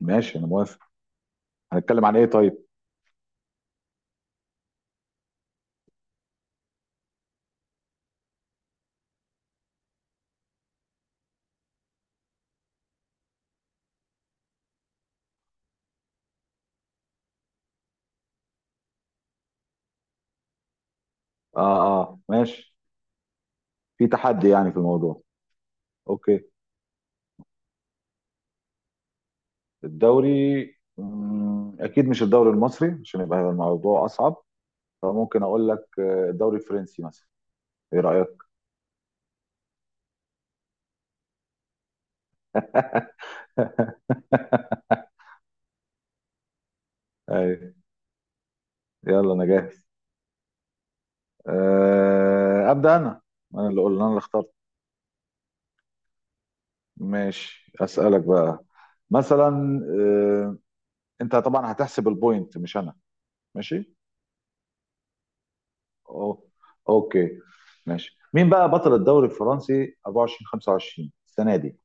ماشي، انا موافق. هنتكلم عن ايه طيب؟ اه، اه، ماشي. في تحدي يعني في الموضوع. اوكي. الدوري، اكيد مش الدوري المصري عشان يبقى الموضوع اصعب. فممكن اقول لك، الدوري الفرنسي مثلا. ايه رايك؟ ايوه. يلا انا جاهز. ابدا انا. انا اللي قلنا، انا اللي اخترت. ماشي، اسالك بقى. مثلا انت طبعا هتحسب البوينت مش انا. ماشي. أو... اوكي. ماشي، مين بقى بطل الدوري الفرنسي 24 25 السنه دي؟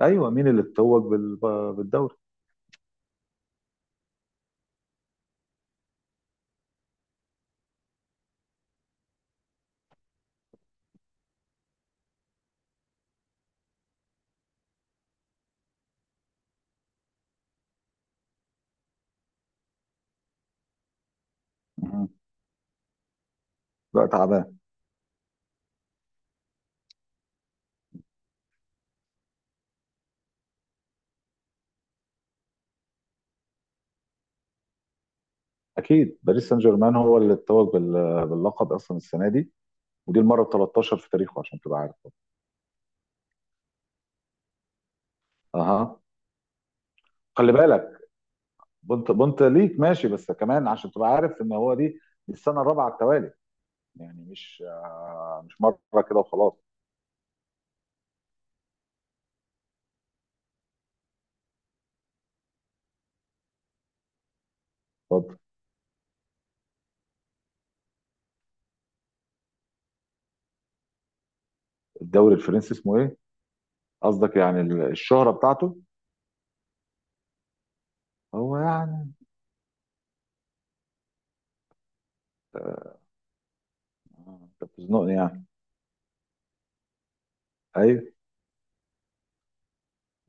ايوه، مين اللي اتوج بالدوري؟ مهم. بقى تعبان. اكيد باريس سان جيرمان هو اللي اتوج باللقب اصلا السنه دي. ودي المره ال 13 في تاريخه عشان تبقى عارف. اها. خلي بالك. بنت بنت ليك ماشي، بس كمان عشان تبقى عارف ان هو دي، دي السنه الرابعه على التوالي. يعني مش، مش مره كده وخلاص. اتفضل. الدوري الفرنسي اسمه ايه؟ قصدك يعني الشهره بتاعته. هو يعني، انت بتزنقني يعني. ايوه،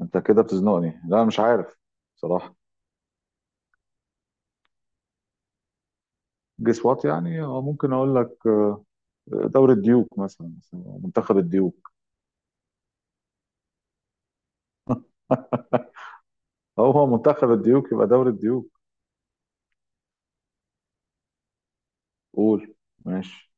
انت كده بتزنقني. لا مش عارف صراحه. جس وات يعني. هو ممكن اقول لك، دوري الديوك مثلا، منتخب الديوك. هو منتخب الديوك يبقى دوري الديوك. قول. ماشي.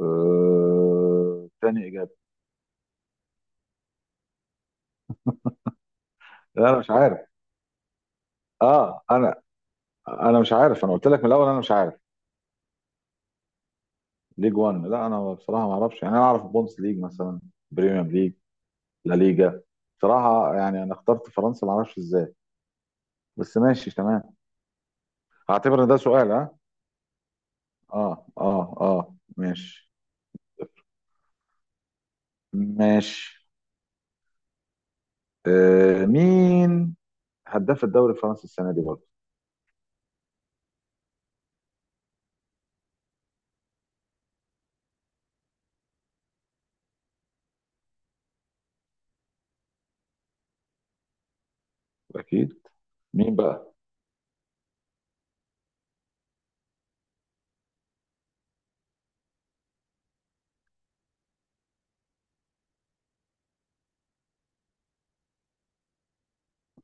تاني اجابه. لا انا مش عارف. اه انا انا مش عارف، انا قلت لك من الاول انا مش عارف. ليج 1، لا انا بصراحه ما اعرفش يعني. انا اعرف بونس ليج مثلا، بريمير ليج، لا ليجا. بصراحه يعني انا اخترت فرنسا، ما اعرفش ازاي، بس ماشي تمام. هعتبر ان ده سؤال، ها؟ اه، اه، اه، ماشي. ماشي. مين هداف الدوري الفرنسي السنه دي برضه؟ اكيد. مين بقى؟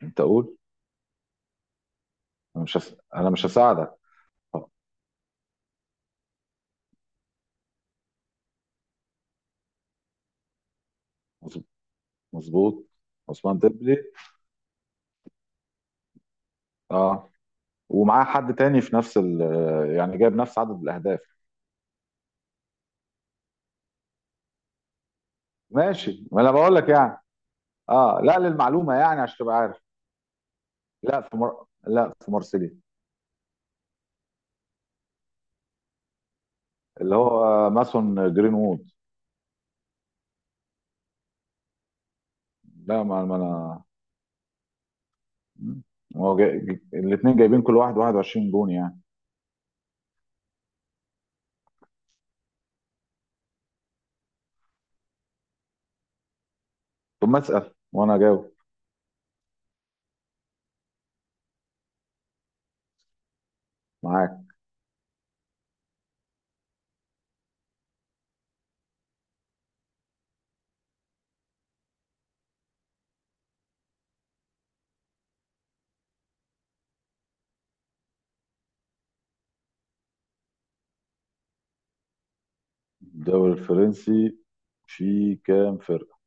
انت قول. انا مش هساعدك. طب. مظ- مظبوط. عثمان ديمبلي. اه. ومعاه حد تاني في نفس ال، يعني جايب نفس عدد الاهداف؟ ماشي، ما انا بقول لك يعني. اه لا، للمعلومه يعني عشان تبقى عارف. لا في مارسيليا، اللي هو ماسون جرينوود. لا، ما انا. مم. الاثنين جايبين كل واحد 21 جون يعني. طب ما اسال وانا اجاوب. معاك. الدوري الفرنسي فيه كام فرقه؟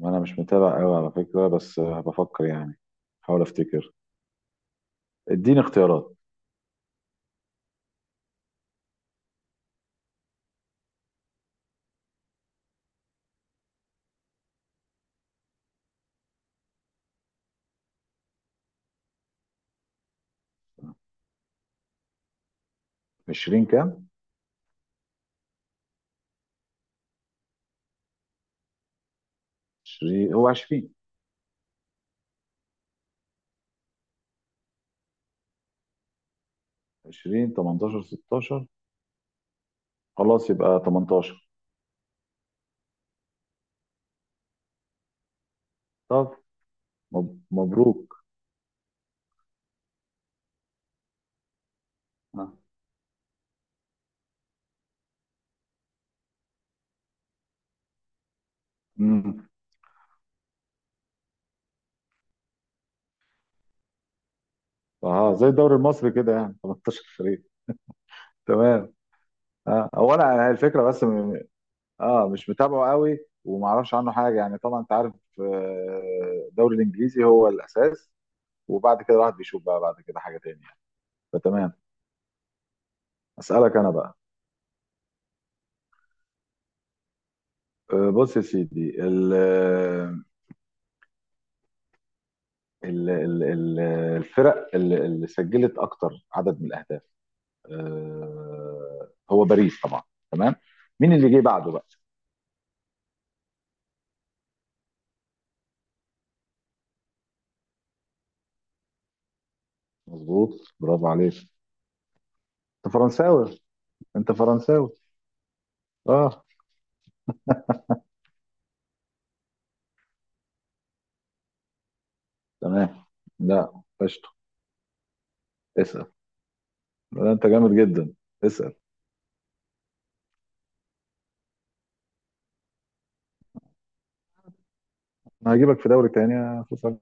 وانا مش متابع قوي على فكره، بس بفكر يعني. حاول افتكر. اديني اختيارات. 20 كام؟ 20، هو 20. 20، 18، 16. خلاص، يبقى 18. طب. مبروك. اه. امم اه، زي الدوري المصري كده يعني. 18 فريق. تمام. اه، هو انا الفكره بس. اه، مش متابعه قوي، ومعرفش عنه حاجه يعني. طبعا انت عارف، الدوري الانجليزي هو الاساس، وبعد كده الواحد بيشوف بقى، بعد كده، حاجه تانية يعني. فتمام. اسالك انا بقى. بص يا سيدي، ال ال ال ال الفرق اللي سجلت اكتر عدد من الاهداف، هو باريس طبعا. تمام. مين اللي جه بعده بقى؟ مظبوط، برافو عليك. انت فرنساوي، انت فرنساوي. اه. تمام. لا قشطه. اسال. لا، انت جامد جدا. اسال. انا هجيبك في دوري تاني يا فيصل.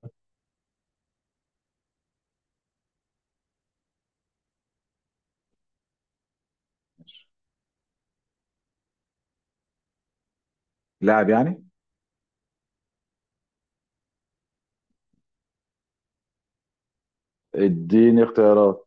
لاعب يعني؟ اديني اختيارات.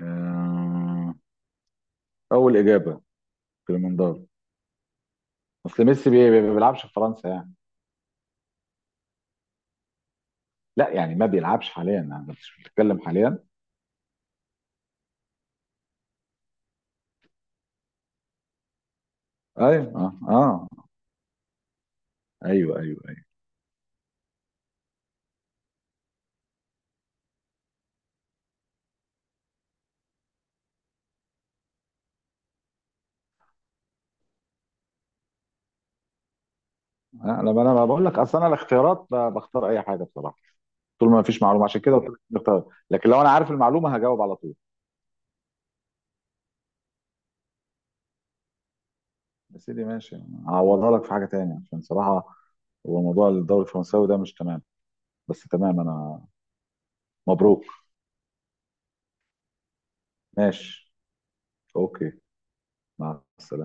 آه، اول اجابه كليمندارو. اصل ميسي ما بيلعبش في فرنسا يعني. لا يعني، ما بيلعبش حاليا، يعني مش بتتكلم حاليا. ايوه، اه، اه، ايوه، ايوه، ايوه. لما انا بقول لك، اصل انا الاختيارات بختار اي حاجه بصراحه، طول ما فيش معلومه. عشان كده قلت لك الاختيارات، لكن لو انا عارف المعلومه هجاوب على طول. يا سيدي ماشي. هعوضها لك في حاجه تانية، عشان صراحه هو موضوع الدوري الفرنساوي ده مش تمام. بس تمام انا. مبروك. ماشي. اوكي. مع السلامة.